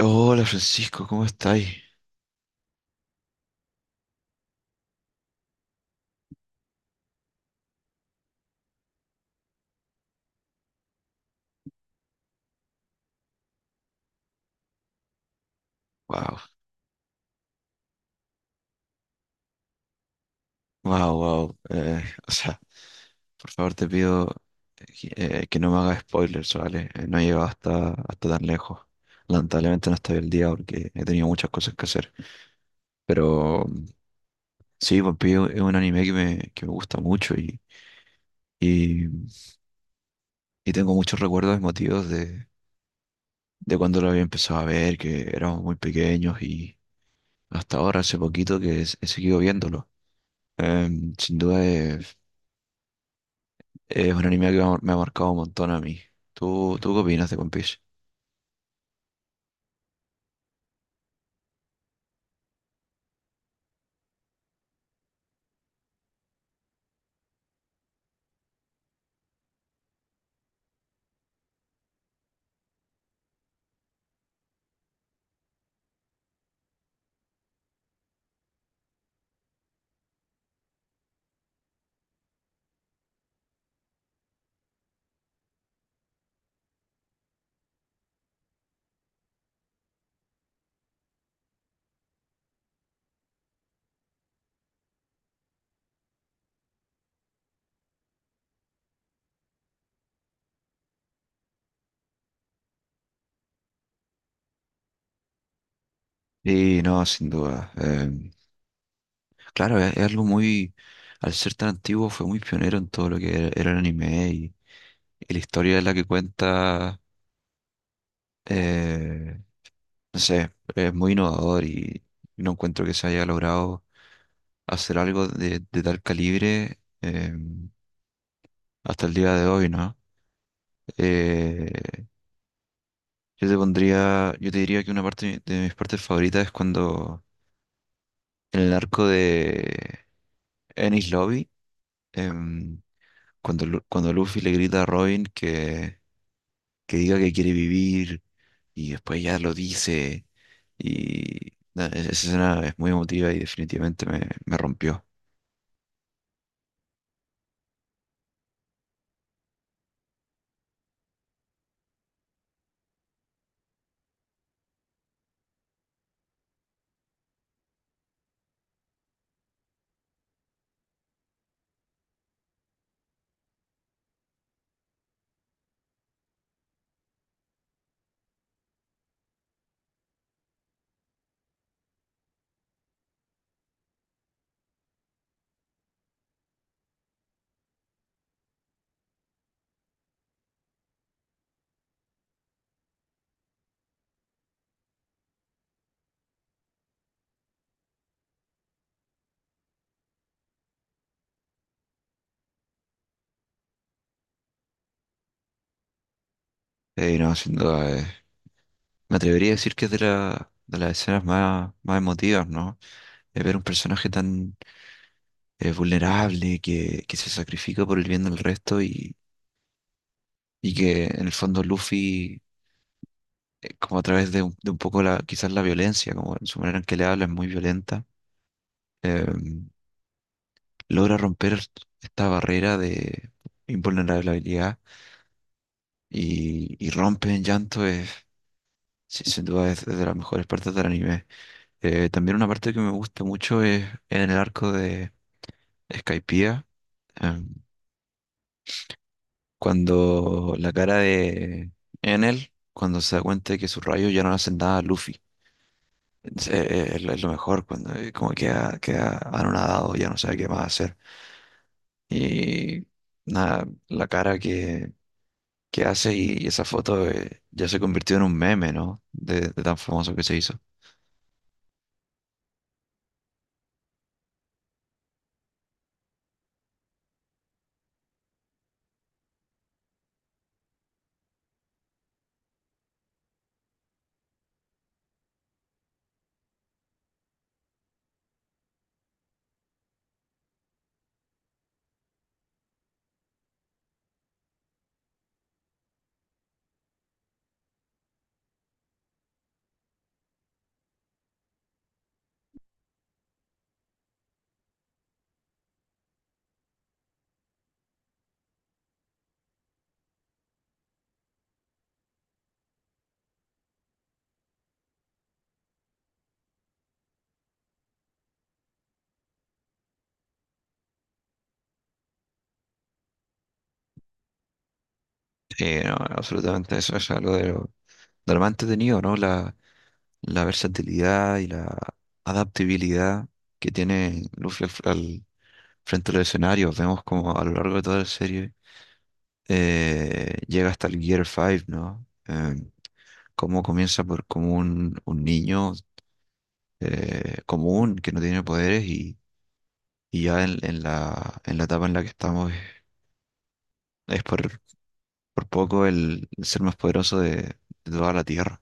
Hola Francisco, ¿cómo estáis? Wow, wow, wow. O sea, por favor te pido que no me hagas spoilers, ¿vale? No he llegado hasta tan lejos. Lamentablemente no estoy el día porque he tenido muchas cosas que hacer. Pero sí, One Piece es un anime que me gusta mucho y, y tengo muchos recuerdos emotivos de cuando lo había empezado a ver, que éramos muy pequeños y hasta ahora, hace poquito, he seguido viéndolo. Sin duda es un anime que me ha marcado un montón a mí. ¿Tú qué opinas de One Piece? Sí, no, sin duda. Claro, es algo muy, al ser tan antiguo, fue muy pionero en todo lo era el anime y la historia es la que cuenta, eh, no sé, es muy innovador y no encuentro que se haya logrado hacer algo de tal calibre hasta el día de hoy, ¿no? Eh, yo te diría que una parte de de mis partes favoritas es cuando en el arco de Enies Lobby, em, cuando, cuando Luffy le grita a Robin que diga que quiere vivir y después ya lo dice. Y nada, esa escena es muy emotiva y me rompió. No, sin duda, me atrevería a decir que es de de las escenas más emotivas, ¿no? Ver un personaje tan vulnerable que se sacrifica por el bien del resto y que en el fondo Luffy como a través de de un poco quizás la violencia, como en su manera en que le habla es muy violenta, eh, logra romper esta barrera de invulnerabilidad y rompe en llanto, es, sí, sin duda es de las mejores partes del anime. También una parte que me gusta mucho es en el arco de Skypiea, eh, cuando la cara de Enel, cuando se da cuenta de que sus rayos ya no le hacen nada a Luffy. Sí, es lo mejor cuando como queda anonadado, ya no sabe qué más hacer. Y nada, la cara que hace y esa foto ya se convirtió en un meme, ¿no? De tan famoso que se hizo. Sí, no, absolutamente eso es algo de de lo más entretenido, ¿no? La versatilidad y la adaptabilidad que tiene Luffy al frente del escenario. Vemos como a lo largo de toda la serie llega hasta el Gear 5, ¿no? Cómo comienza por como un niño común que no tiene poderes y ya en, en la etapa en la que estamos es por poco el ser más poderoso de toda la Tierra.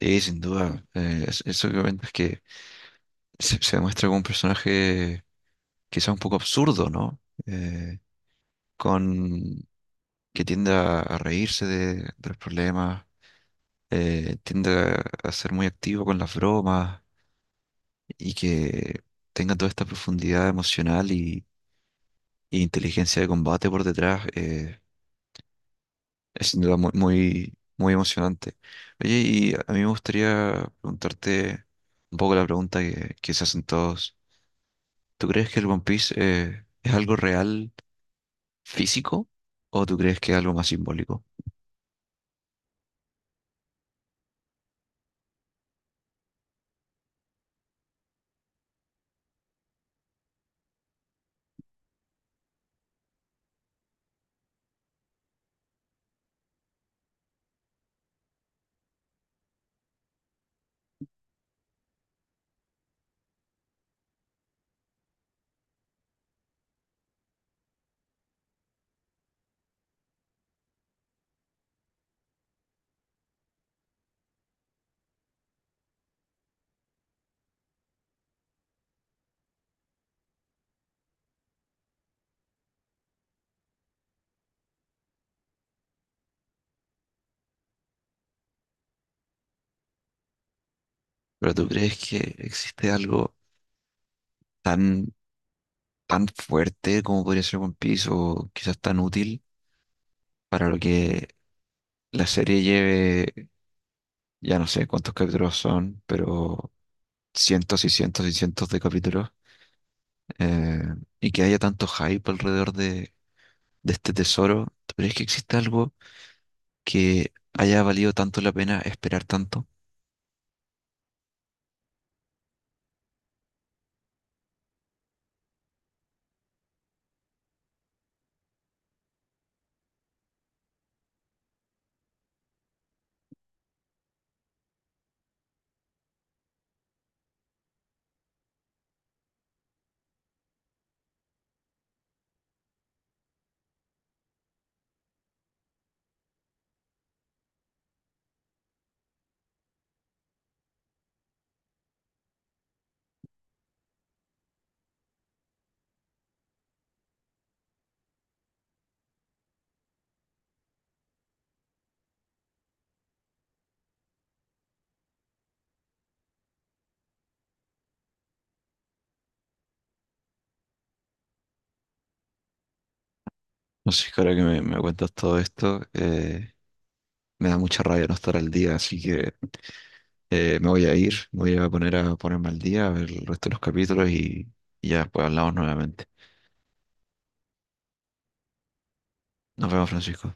Y sin duda, eso que comentas que se demuestra como un personaje quizá un poco absurdo, ¿no? Eh, con que tiende a reírse de los problemas, tiende a ser muy activo con las bromas y que tenga toda esta profundidad emocional y inteligencia de combate por detrás, es sin duda muy emocionante. Oye, y a mí me gustaría preguntarte un poco la pregunta que se hacen todos. ¿Tú crees que el One Piece es algo real físico o tú crees que es algo más simbólico? ¿Pero tú crees que existe algo tan, tan fuerte como podría ser One Piece o quizás tan útil para lo que la serie lleve? Ya no sé cuántos capítulos son, pero cientos y cientos y cientos de capítulos. eh, y que haya tanto hype alrededor de este tesoro. ¿Tú crees que existe algo que haya valido tanto la pena esperar tanto? No sé, ahora que me cuentas todo esto, me da mucha rabia no estar al día, así que me voy a poner a ponerme al día, a ver el resto de los capítulos y ya después hablamos nuevamente. Nos vemos, Francisco.